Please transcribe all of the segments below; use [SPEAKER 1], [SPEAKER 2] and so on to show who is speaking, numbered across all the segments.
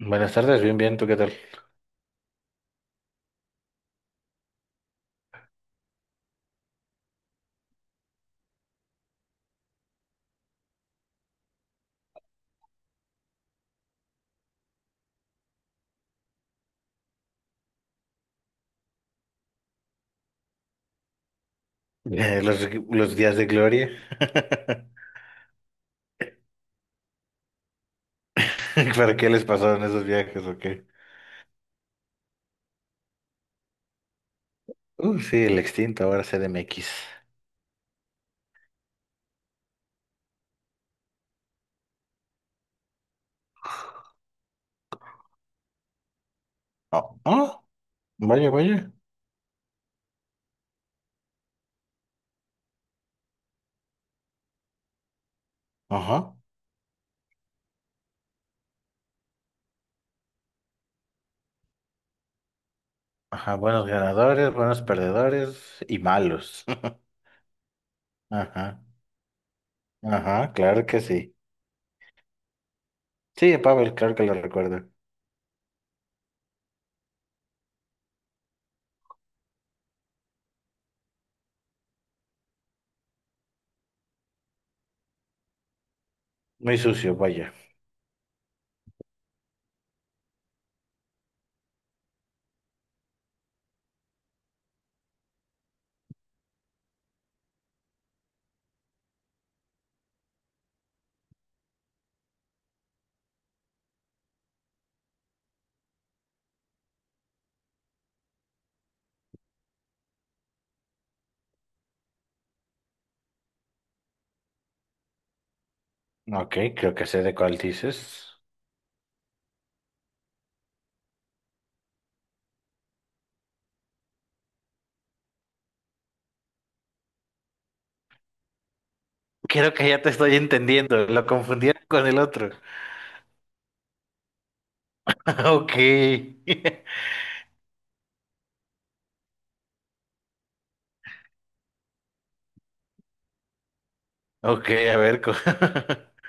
[SPEAKER 1] Buenas tardes, bien, bien, ¿tú qué tal? Los días de gloria. ¿Para qué les pasaron esos viajes o qué? Sí, el extinto, ahora CDMX. Oh, oh, vaya, vaya. Ajá. Ajá, buenos ganadores, buenos perdedores y malos. Ajá, ajá, claro que sí. Sí, Pavel, claro que lo recuerdo. Muy sucio, vaya. Ok, creo que sé de cuál dices. Creo que ya te estoy entendiendo, lo confundieron con el otro. Ok. Ok, a ver, co-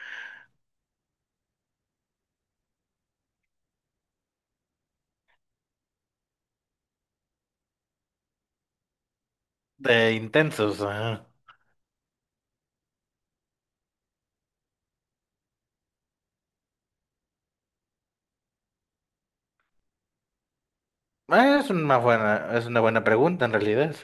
[SPEAKER 1] de intensos. Ajá. Ah, es una buena, es una buena pregunta en realidad.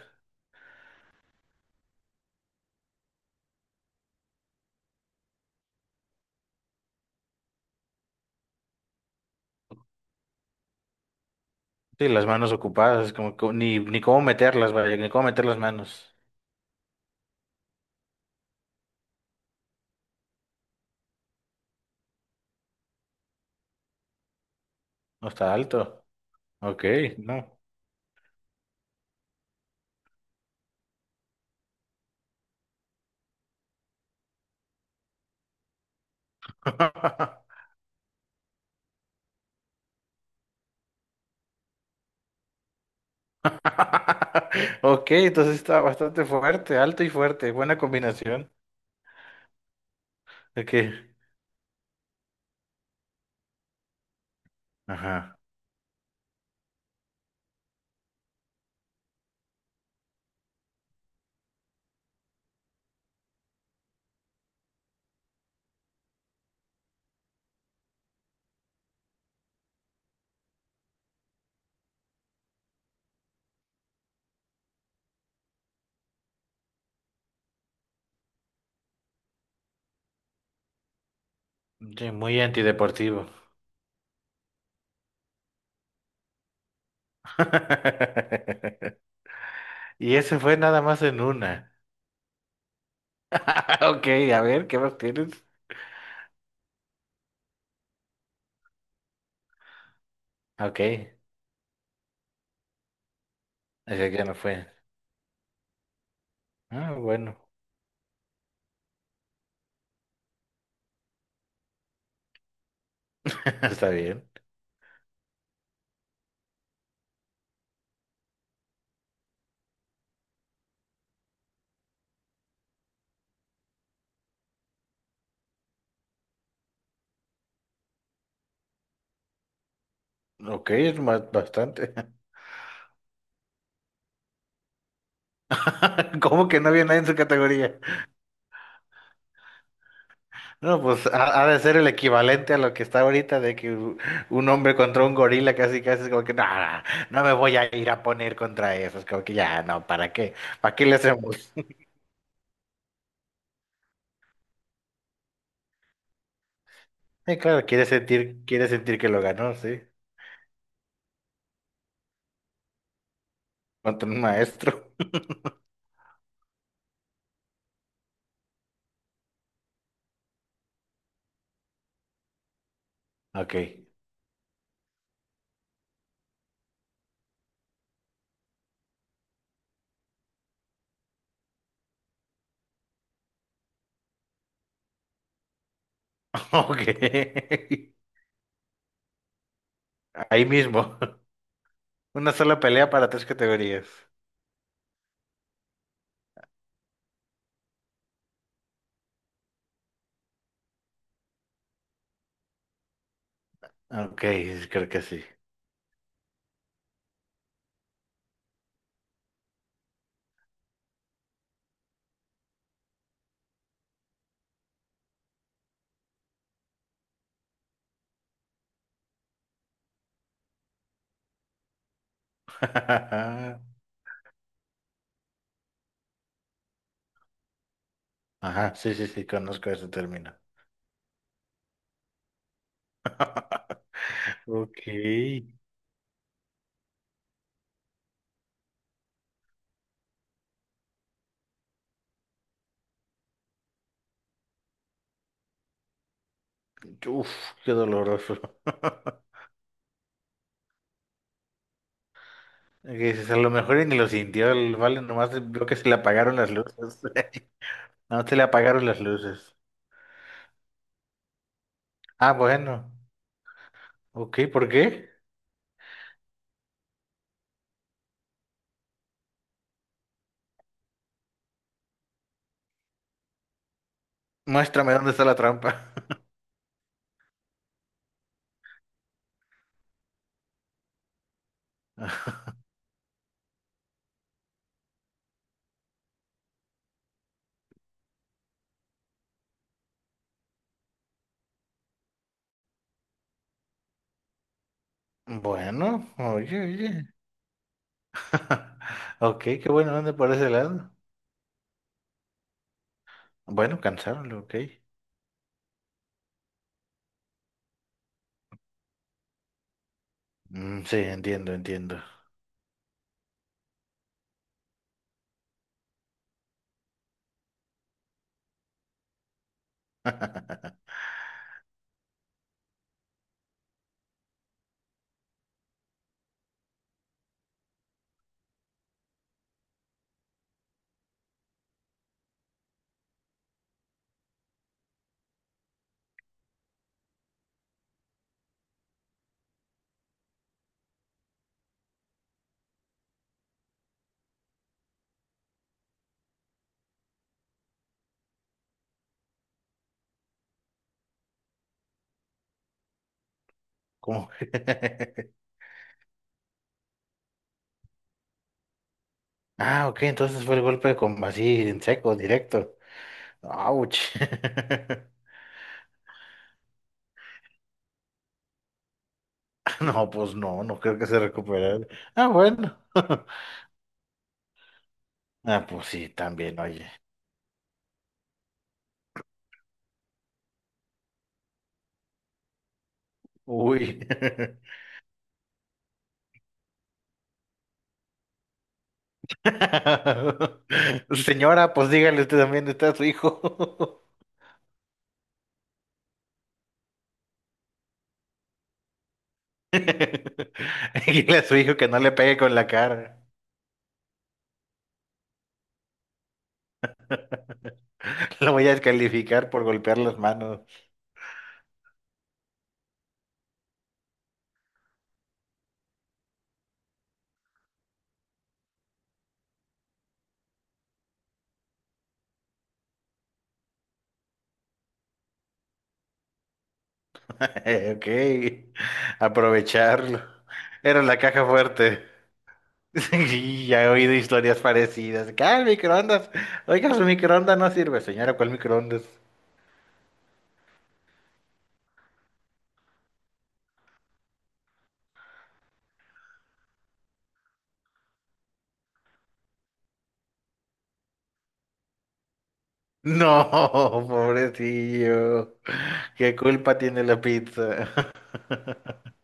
[SPEAKER 1] Sí, las manos ocupadas, como co- ni, ni cómo meterlas, vaya, ni cómo meter las manos. No está alto. Ok, no. Ok, entonces está bastante fuerte, alto y fuerte, buena combinación. Ok. Ajá. Sí, muy antideportivo. Y ese fue nada más en una. Ok, a ver, ¿qué más tienes? Ok. Así que ya me fue. Ah, bueno, está bien. Ok, es ma- bastante. ¿Cómo que no había nadie en su categoría? No, pues ha, ha de ser el equivalente a lo que está ahorita de que u- un hombre contra un gorila casi casi es como que no, no, no me voy a ir a poner contra eso. Es como que ya, no, ¿para qué? ¿Para qué le hacemos? Claro, quiere sentir que lo ganó, sí. Contra un maestro. Ok. Ok. Ahí mismo. Una sola pelea para tres categorías. Ok, creo que sí. Ajá, sí, sí, sí, conozco ese término. Ok. Uf, qué doloroso. Que dices, a lo mejor y ni lo sintió el vale, nomás vio que se le apagaron las luces. No, se le apagaron las luces. Ah, bueno. Ok, ¿por qué? Muéstrame dónde está la trampa. Bueno, oye, oye. Ok, qué bueno, ¿dónde por ese lado? Bueno, cansaron, ok. Mm, sí, entiendo, entiendo. ¿Cómo? Ah, ok, entonces fue el golpe de com- así en seco, directo. ¡Auch! No, pues no, no creo que se recuperara. Ah, bueno. Ah, pues sí, también, oye. Uy. Señora, pues dígale usted también, está su hijo. Dígale a su hijo que no le pegue con la cara. Lo voy a descalificar por golpear las manos. Ok, aprovecharlo. Era la caja fuerte. Y ya he oído historias parecidas. Que, ah, el microondas. Oiga, su microondas no sirve, señora, ¿cuál microondas? No, pobrecillo. ¿Qué culpa tiene la pizza?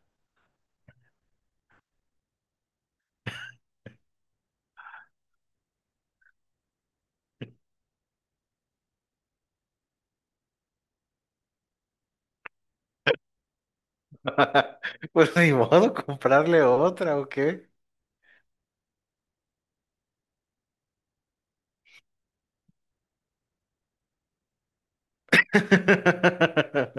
[SPEAKER 1] Pues ni modo, comprarle otra, ¿o qué?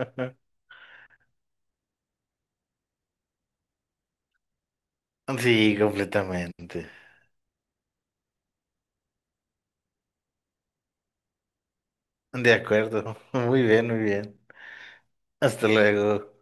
[SPEAKER 1] Sí, completamente. De acuerdo. Muy bien, muy bien. Hasta luego.